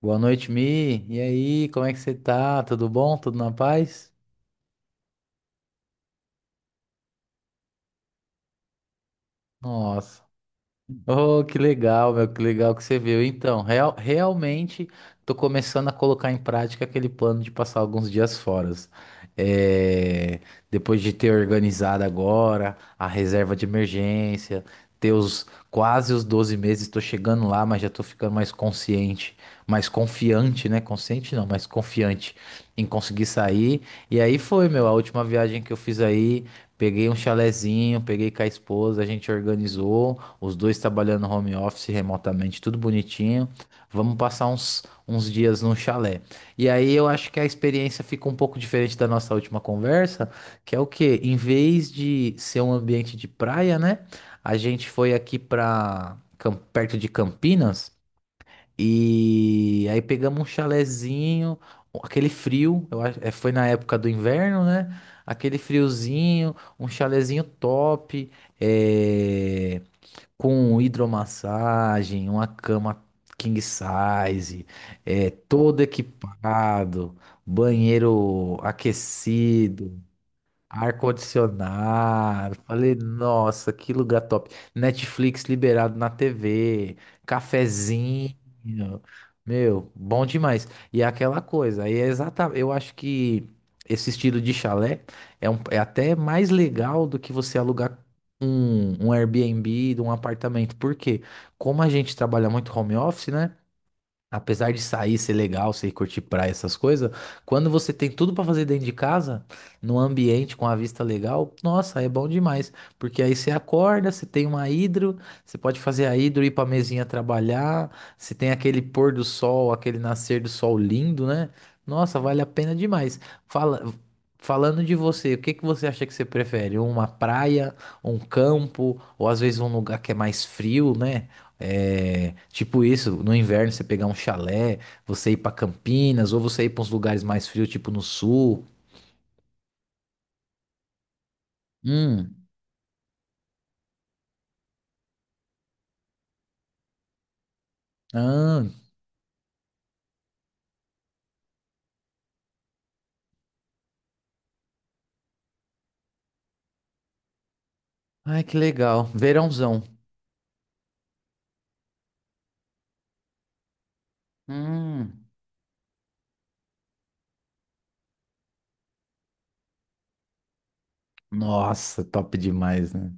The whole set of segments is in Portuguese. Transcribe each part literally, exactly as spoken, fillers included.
Boa noite, Mi. E aí, como é que você tá? Tudo bom? Tudo na paz? Nossa, oh, que legal, meu, que legal que você viu. Então, real- realmente tô começando a colocar em prática aquele plano de passar alguns dias fora. É, depois de ter organizado agora a reserva de emergência, ter os quase os doze meses, tô chegando lá, mas já tô ficando mais consciente, mais confiante, né? Consciente não, mas confiante em conseguir sair. E aí foi, meu, a última viagem que eu fiz aí, peguei um chalezinho, peguei com a esposa, a gente organizou. Os dois trabalhando home office remotamente, tudo bonitinho. Vamos passar uns, uns dias num chalé. E aí eu acho que a experiência fica um pouco diferente da nossa última conversa, que é o quê? Em vez de ser um ambiente de praia, né? A gente foi aqui para perto de Campinas e aí pegamos um chalézinho, aquele frio, eu acho, é, foi na época do inverno, né? Aquele friozinho, um chalézinho top. É com hidromassagem, uma cama king size, é, todo equipado, banheiro aquecido, ar-condicionado. Falei, nossa, que lugar top. Netflix liberado na T V, cafezinho. Meu, bom demais. E é aquela coisa, aí é exatamente, eu acho que esse estilo de chalé é, um- é até mais legal do que você alugar um, um Airbnb de um apartamento. Por quê? Como a gente trabalha muito home office, né? Apesar de sair, ser legal, ser curtir praia, essas coisas, quando você tem tudo pra fazer dentro de casa, num ambiente com a vista legal, nossa, é bom demais. Porque aí você acorda, você tem uma hidro, você pode fazer a hidro, ir pra mesinha trabalhar, você tem aquele pôr do sol, aquele nascer do sol lindo, né? Nossa, vale a pena demais. Fala, falando de você, o que que você acha que você prefere? Uma praia, um campo, ou às vezes um lugar que é mais frio, né? É, tipo isso, no inverno você pegar um chalé, você ir pra Campinas, ou você ir pra uns lugares mais frios, tipo no sul. Hum, ah, ai que legal. Verãozão. Hum, nossa, top demais, né?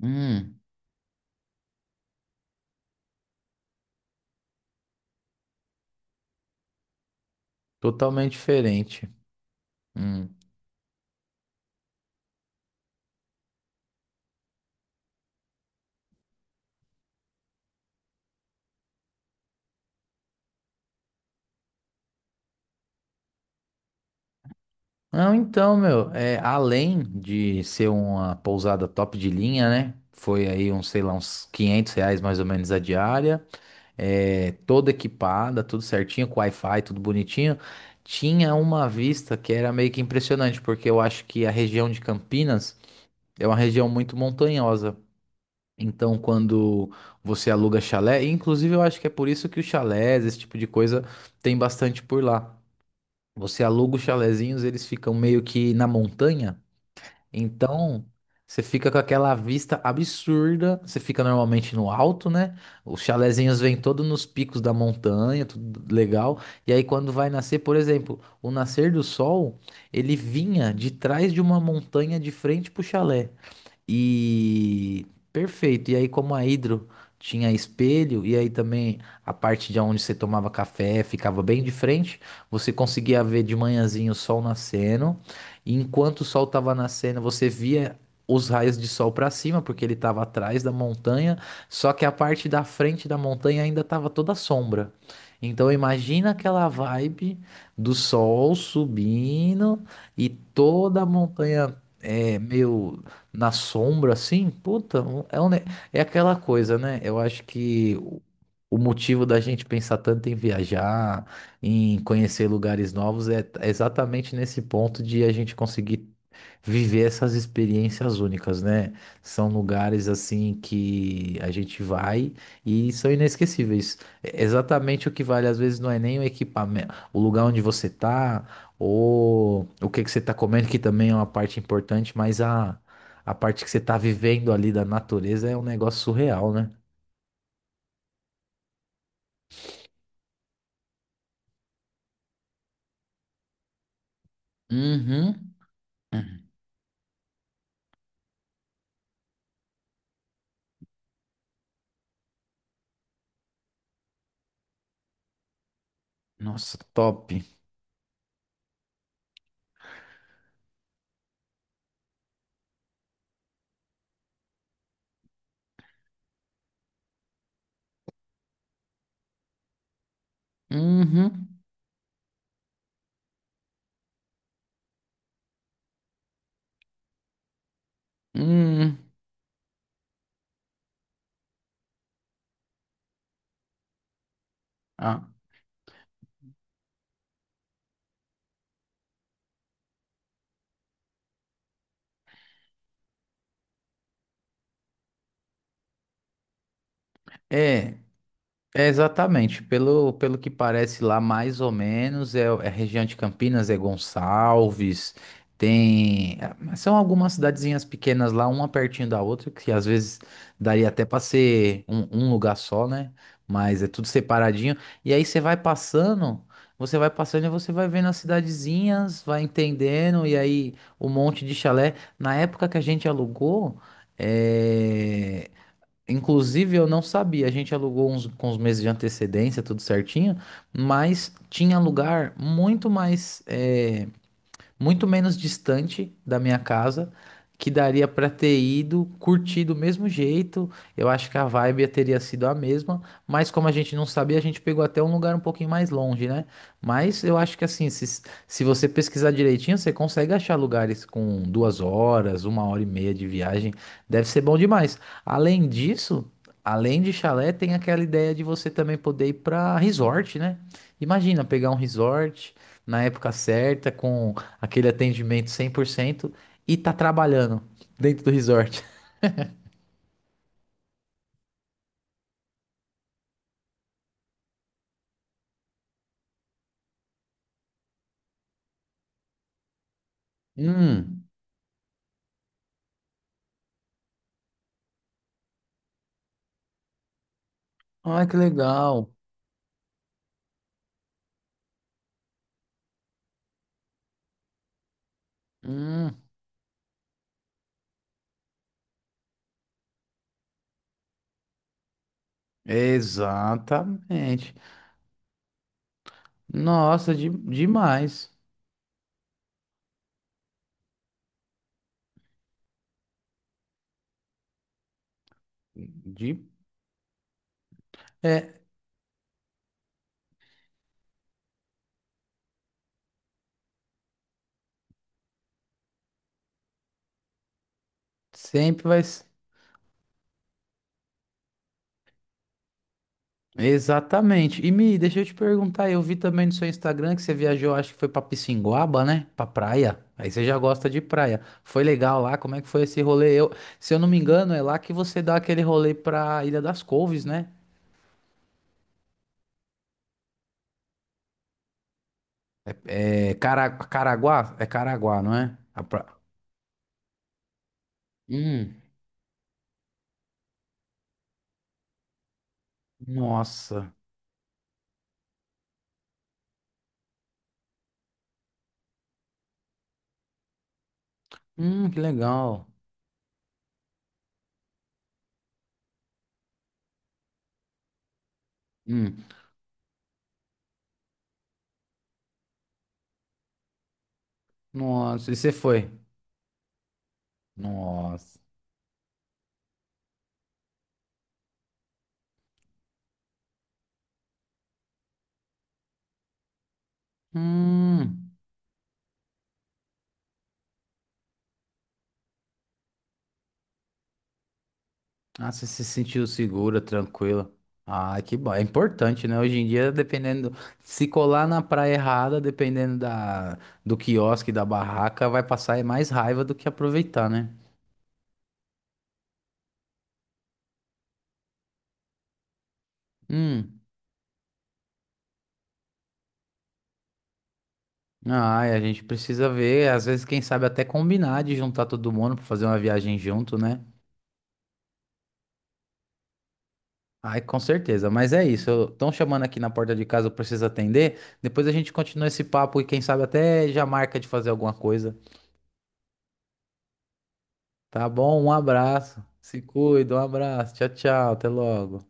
Hum, totalmente diferente. Hum. Não, então, meu, é, além de ser uma pousada top de linha, né? Foi aí uns, sei lá, uns quinhentos reais mais ou menos a diária. É, toda equipada, tudo certinho, com Wi-Fi, tudo bonitinho. Tinha uma vista que era meio que impressionante, porque eu acho que a região de Campinas é uma região muito montanhosa. Então, quando você aluga chalé, e inclusive eu acho que é por isso que os chalés, esse tipo de coisa, tem bastante por lá. Você aluga os chalezinhos, eles ficam meio que na montanha. Então, você fica com aquela vista absurda. Você fica normalmente no alto, né? Os chalezinhos vêm todos nos picos da montanha, tudo legal. E aí, quando vai nascer, por exemplo, o nascer do sol, ele vinha de trás de uma montanha de frente pro chalé. E perfeito. E aí, como a Hidro tinha espelho, e aí também a parte de onde você tomava café ficava bem de frente, você conseguia ver de manhãzinho o sol nascendo. E enquanto o sol estava nascendo, você via os raios de sol para cima, porque ele estava atrás da montanha, só que a parte da frente da montanha ainda estava toda sombra. Então imagina aquela vibe do sol subindo e toda a montanha é meio na sombra, assim, puta, um- é, um ne- é aquela coisa, né? Eu acho que o o motivo da gente pensar tanto em viajar, em conhecer lugares novos, é t- é exatamente nesse ponto de a gente conseguir viver essas experiências únicas, né? São lugares assim que a gente vai e são inesquecíveis. É exatamente o que vale, às vezes, não é nem o equipamento, o lugar onde você tá, ou o que que você tá comendo, que também é uma parte importante, mas a a parte que você tá vivendo ali da natureza é um negócio surreal, né? Uhum. Uhum. Nossa, top. Uhum. Uhum. Ah. É. É exatamente, pelo, pelo que parece lá, mais ou menos, é, é região de Campinas, é Gonçalves, tem. É, são algumas cidadezinhas pequenas lá, uma pertinho da outra, que às vezes daria até para ser um, um lugar só, né? Mas é tudo separadinho. E aí você vai passando, você vai passando e você vai vendo as cidadezinhas, vai entendendo, e aí o monte de chalé. Na época que a gente alugou. É, inclusive, eu não sabia. A gente alugou uns, com uns meses de antecedência, tudo certinho, mas tinha lugar muito mais. Eh, muito menos distante da minha casa, que daria para ter ido, curtir do mesmo jeito. Eu acho que a vibe teria sido a mesma, mas como a gente não sabia, a gente pegou até um lugar um pouquinho mais longe, né? Mas eu acho que assim, se, se você pesquisar direitinho, você consegue achar lugares com duas horas, uma hora e meia de viagem. Deve ser bom demais. Além disso, além de chalé, tem aquela ideia de você também poder ir para resort, né? Imagina pegar um resort na época certa, com aquele atendimento cem por cento e tá trabalhando dentro do resort. Hum, olha que legal. Hum, exatamente. Nossa, de, demais. De, é, Sempre vai. s- Exatamente. E Mi, deixa eu te perguntar, eu vi também no seu Instagram que você viajou, acho que foi pra Pissinguaba, né? Pra praia. Aí você já gosta de praia. Foi legal lá? Como é que foi esse rolê? Eu, se eu não me engano, é lá que você dá aquele rolê pra Ilha das Couves, né? É Cara- Caraguá? É Caraguá, não é? A pra- Hum, nossa. Hum, que legal. Hum, nossa. E você foi? Nossa. Hum. Ah, você se sentiu segura, tranquila. Ah, que bom. É importante, né? Hoje em dia, dependendo. Se colar na praia errada, dependendo da, do quiosque, da barraca, vai passar mais raiva do que aproveitar, né? Hum. Ah, e a gente precisa ver. Às vezes, quem sabe até combinar de juntar todo mundo pra fazer uma viagem junto, né? Ai, com certeza, mas é isso. Estão chamando aqui na porta de casa, eu preciso atender. Depois a gente continua esse papo e quem sabe até já marca de fazer alguma coisa. Tá bom? Um abraço. Se cuida, um abraço. Tchau, tchau. Até logo.